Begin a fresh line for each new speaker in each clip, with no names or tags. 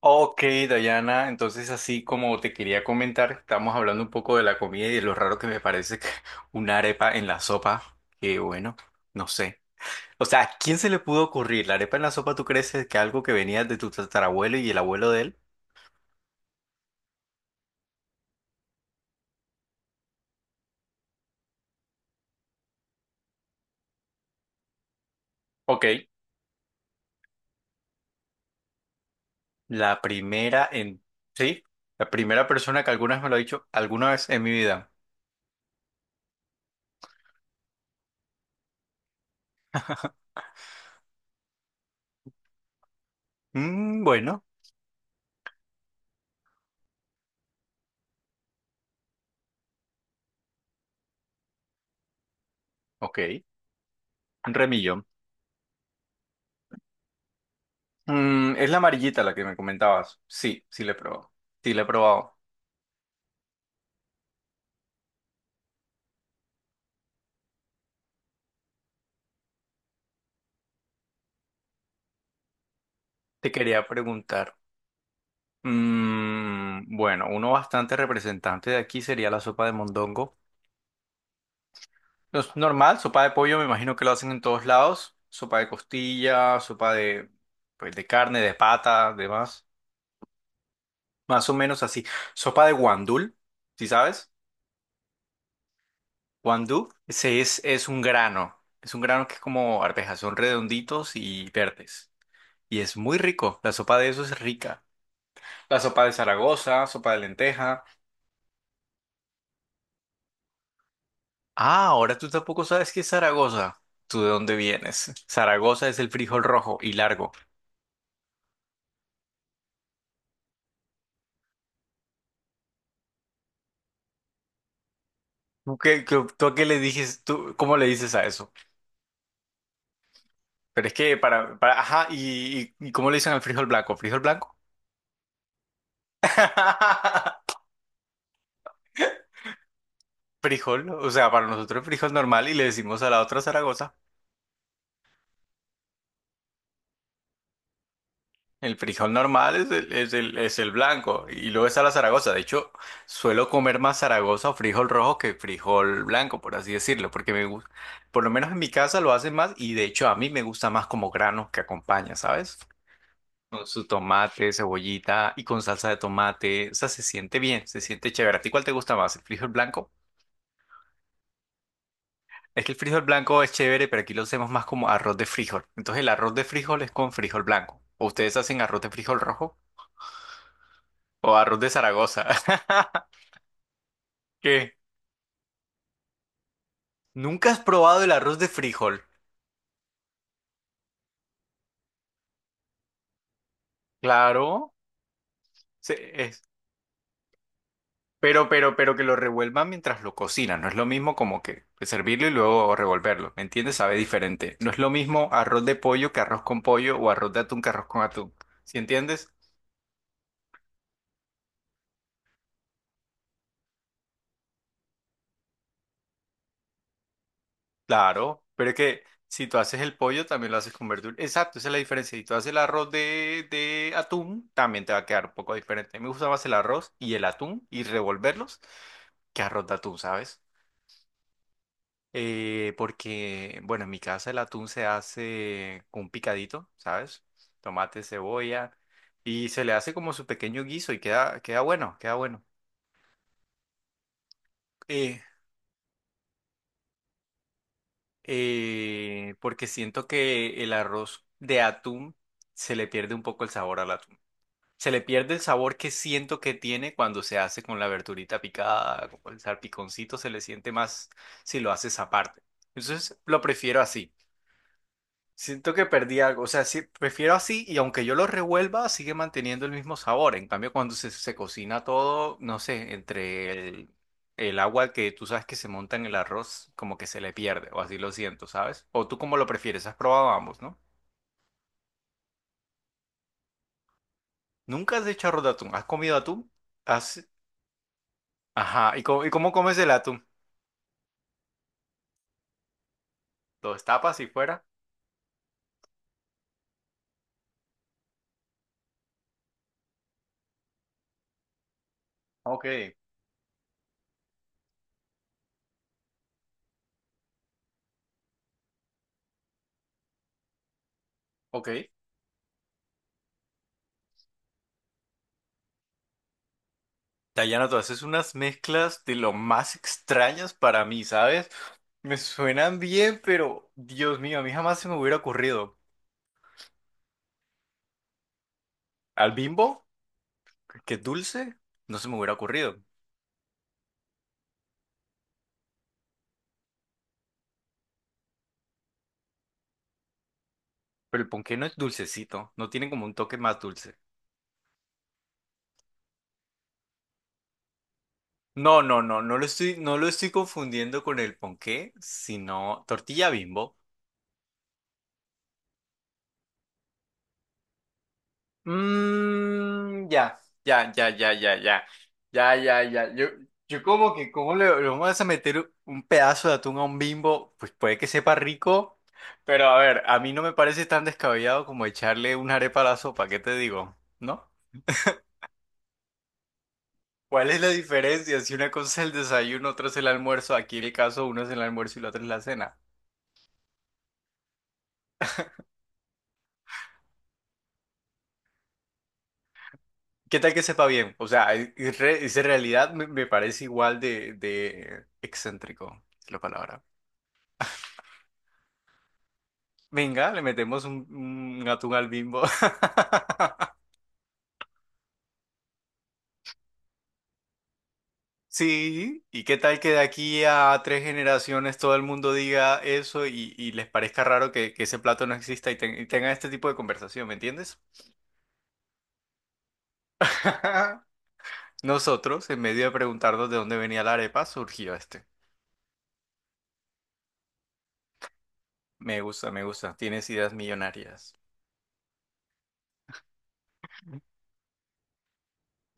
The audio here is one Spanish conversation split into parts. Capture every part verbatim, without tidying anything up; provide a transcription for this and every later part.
Ok, Dayana, entonces así como te quería comentar, estamos hablando un poco de la comida y de lo raro que me parece que una arepa en la sopa, que bueno, no sé. O sea, ¿a quién se le pudo ocurrir la arepa en la sopa? ¿Tú crees que algo que venía de tu tatarabuelo y el abuelo de él? Ok, la primera en... Sí, la primera persona que alguna vez me lo ha dicho, alguna vez en mi vida. Mm, bueno, ok, un remillón. Mm, es la amarillita la que me comentabas. Sí, sí la he probado. Sí la he probado. Te quería preguntar, mm, bueno, uno bastante representante de aquí sería la sopa de mondongo. No. Es normal, sopa de pollo, me imagino que lo hacen en todos lados. Sopa de costilla, sopa de, pues, de carne, de pata, demás. Más o menos así. Sopa de guandul, ¿sí sabes? Guandú, ese es, es un grano. Es un grano que es como arvejas, son redonditos y verdes. Y es muy rico. La sopa de eso es rica. La sopa de Zaragoza, sopa de lenteja. Ah, ahora tú tampoco sabes qué es Zaragoza. ¿Tú de dónde vienes? Zaragoza es el frijol rojo y largo. ¿Tú qué, qué- tú a qué le dices? ¿Tú cómo le dices a eso? Pero es que para, para- ajá, y, y- y ¿cómo le dicen al frijol blanco? ¿Frijol blanco? Frijol, o sea, para nosotros es frijol normal y le decimos a la otra Zaragoza. El frijol normal es el, es el, es el blanco y luego está la Zaragoza. De hecho, suelo comer más Zaragoza o frijol rojo que frijol blanco, por así decirlo, porque me gusta, por lo menos en mi casa lo hacen más y de hecho a mí me gusta más como grano que acompaña, ¿sabes? Con su tomate, cebollita y con salsa de tomate. O sea, se siente bien, se siente chévere. ¿A ti cuál te gusta más, el frijol blanco? Es que el frijol blanco es chévere, pero aquí lo hacemos más como arroz de frijol. Entonces el arroz de frijol es con frijol blanco. ¿O ustedes hacen arroz de frijol rojo? O arroz de Zaragoza. ¿Qué? ¿Nunca has probado el arroz de frijol? Claro. se- es- Pero, pero, pero que lo revuelvan mientras lo cocinan. No es lo mismo como que servirlo y luego revolverlo. ¿Me entiendes? Sabe diferente. No es lo mismo arroz de pollo que arroz con pollo o arroz de atún que arroz con atún. ¿Sí entiendes? Claro. Pero es que si tú haces el pollo, también lo haces con verdura. Exacto, esa es la diferencia. Si tú haces el arroz de, de atún, también te va a quedar un poco diferente. A mí me gusta más el arroz y el atún y revolverlos que arroz de atún, ¿sabes? Eh, porque, bueno, en mi casa el atún se hace con un picadito, ¿sabes? Tomate, cebolla, y se le hace como su pequeño guiso y queda, queda bueno, queda bueno. Eh, eh, porque siento que el arroz de atún se le pierde un poco el sabor al atún. Se le pierde el sabor que siento que tiene cuando se hace con la verdurita picada, con el salpiconcito, se le siente más si lo haces aparte. Entonces, lo prefiero así. Siento que perdí algo, o sea, sí, prefiero así y aunque yo lo revuelva, sigue manteniendo el mismo sabor. En cambio, cuando se, se cocina todo, no sé, entre el, el agua que tú sabes que se monta en el arroz, como que se le pierde, o así lo siento, ¿sabes? O tú cómo lo prefieres, has probado ambos, ¿no? Nunca has hecho arroz de atún, ¿has comido atún? ¿Has... Ajá, ¿y cómo, y cómo comes el atún? ¿Lo destapas y fuera? Ok, ok. Dayana, tú haces unas mezclas de lo más extrañas para mí, ¿sabes? Me suenan bien, pero Dios mío, a mí jamás se me hubiera ocurrido. Al bimbo, que es dulce, no se me hubiera ocurrido. Pero el ponqué no es dulcecito, no tiene como un toque más dulce. No, no, no, no lo estoy, no lo estoy confundiendo con el ponqué, sino tortilla bimbo. Mm, ya, ya, ya, ya, ya, ya, ya, ya, ya. Yo, yo como que, ¿cómo le, le vamos a meter un pedazo de atún a un bimbo? Pues puede que sepa rico, pero a ver, a mí no me parece tan descabellado como echarle una arepa a la sopa, ¿qué te digo? ¿No? ¿Cuál es la diferencia si una cosa es el desayuno, otra es el almuerzo? Aquí en el caso uno es el almuerzo y la otra es la cena. ¿Qué tal que sepa bien? O sea, es, es re- es en realidad me, me parece igual de, de excéntrico, es la palabra. Venga, le metemos un, un atún al Bimbo. Sí, ¿y qué tal que de aquí a tres generaciones todo el mundo diga eso y, y les parezca raro que, que ese plato no exista y, ten- y tengan este tipo de conversación, ¿me entiendes? Nosotros, en medio de preguntarnos de dónde venía la arepa, surgió este. Me gusta, me gusta, tienes ideas millonarias.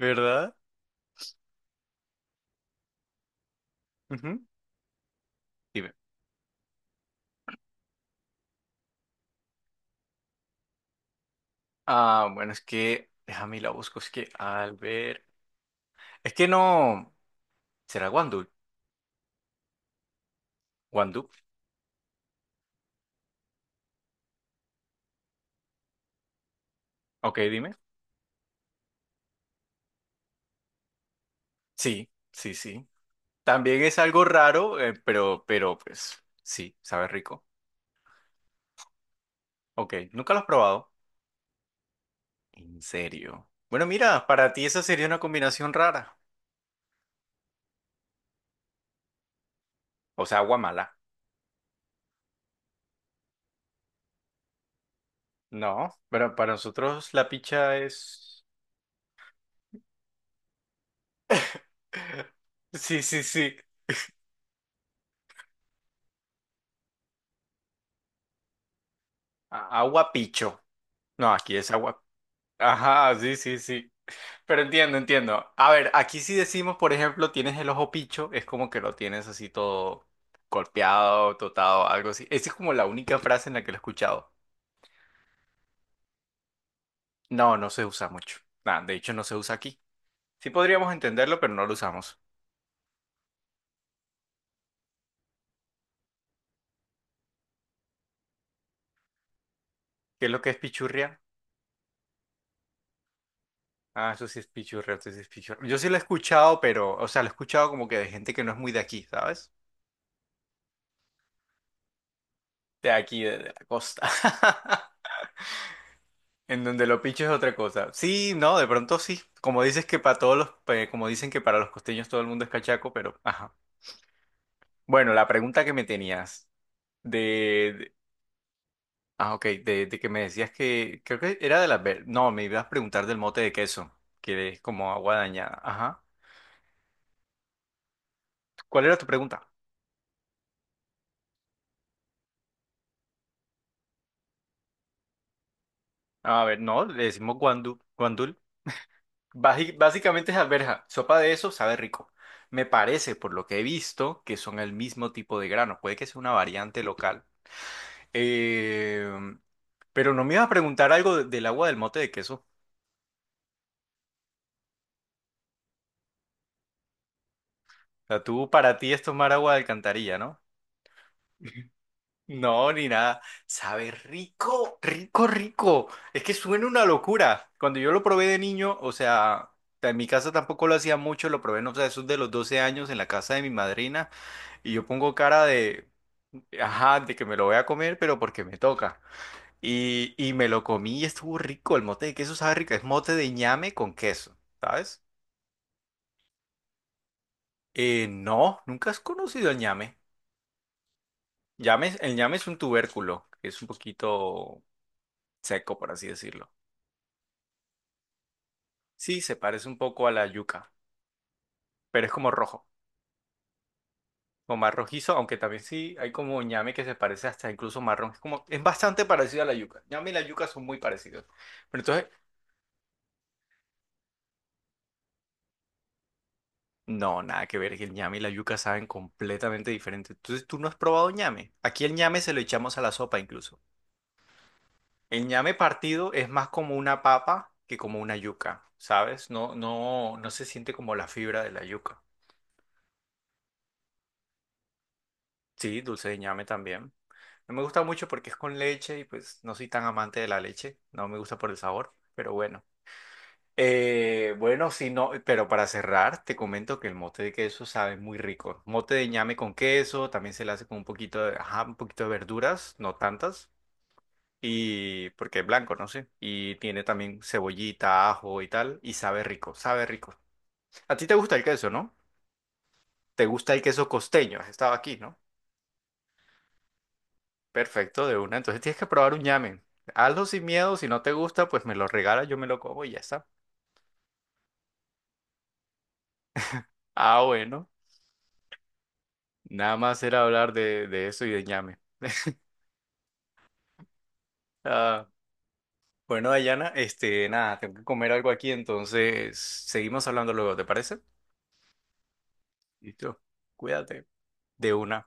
¿Verdad? Ujú. Dime. Ah, bueno, es que, déjame y la busco, es que al ver... Es que no... ¿Será guandú? ¿Guandú? Ok, dime. Sí, sí, sí. También es algo raro, eh, pero, pero, pues sí, sabe rico. Ok, nunca lo has probado. En serio. Bueno, mira, para ti esa sería una combinación rara. O sea, agua mala. No, pero para nosotros la picha es... Sí, sí, sí. A- Agua picho. No, aquí es agua. Ajá, sí, sí, sí. Pero entiendo, entiendo. A ver, aquí si decimos, por ejemplo, tienes el ojo picho, es como que lo tienes así todo golpeado, totado, algo así. Esa es como la única frase en la que lo he escuchado. No, no se usa mucho. Nah, de hecho, no se usa aquí. Sí podríamos entenderlo, pero no lo usamos. ¿Qué es lo que es pichurria? Ah, eso sí es pichurria, eso sí es pichurria. Yo sí lo he escuchado, pero, o sea, lo he escuchado como que de gente que no es muy de aquí, ¿sabes? De aquí, de de la costa. En donde lo pincho es otra cosa. Sí, no, de pronto sí. Como dices que para todos los, eh, como dicen que para los costeños todo el mundo es cachaco, pero ajá. Bueno, la pregunta que me tenías de, de- ah, ok, de, de que me decías que creo que era de las, ver- no, me ibas a preguntar del mote de queso, que es como agua dañada. Ajá. ¿Cuál era tu pregunta? A ver, no, le decimos guandú, guandul. Baji- Básicamente es alberja. Sopa de eso sabe rico. Me parece, por lo que he visto, que son el mismo tipo de grano. Puede que sea una variante local. Eh, pero no me ibas a preguntar algo de- del agua del mote de queso. O sea, tú para ti es tomar agua de alcantarilla, ¿no? No, ni nada. Sabe rico, rico, rico. Es que suena una locura. Cuando yo lo probé de niño, o sea, en mi casa tampoco lo hacía mucho, lo probé, no sé, eso es de los doce años en la casa de mi madrina. Y yo pongo cara de, ajá, de que me lo voy a comer, pero porque me toca. Y, y me lo comí y estuvo rico. El mote de queso sabe rico. Es mote de ñame con queso, ¿sabes? Eh, no, nunca has conocido el ñame. Llame- el ñame es un tubérculo, que es un poquito seco, por así decirlo. Sí, se parece un poco a la yuca, pero es como rojo, o más rojizo, aunque también sí hay como ñame que se parece hasta incluso marrón. Es como, es bastante parecido a la yuca. Ñame y la yuca son muy parecidos. Pero entonces, no, nada que ver, que el ñame y la yuca saben completamente diferente. Entonces, ¿tú no has probado ñame? Aquí el ñame se lo echamos a la sopa incluso. El ñame partido es más como una papa que como una yuca, ¿sabes? No, no, no se siente como la fibra de la yuca. Sí, dulce de ñame también. No me gusta mucho porque es con leche y pues no soy tan amante de la leche. No me gusta por el sabor, pero bueno. Eh, bueno, sí, no, pero para cerrar, te comento que el mote de queso sabe muy rico. Mote de ñame con queso, también se le hace con un poquito de, ajá, un poquito de verduras, no tantas. Y porque es blanco, no sé. Y tiene también cebollita, ajo y tal. Y sabe rico, sabe rico. A ti te gusta el queso, ¿no? Te gusta el queso costeño. Has estado aquí, ¿no? Perfecto, de una. Entonces tienes que probar un llamen. Hazlo sin miedo. Si no te gusta, pues me lo regala, yo me lo como y ya está. Ah, bueno. Nada más era hablar de, de eso y de ñame. Ah, bueno, Dayana, este, nada, tengo que comer algo aquí, entonces seguimos hablando luego, ¿te parece? Listo. Cuídate. De una.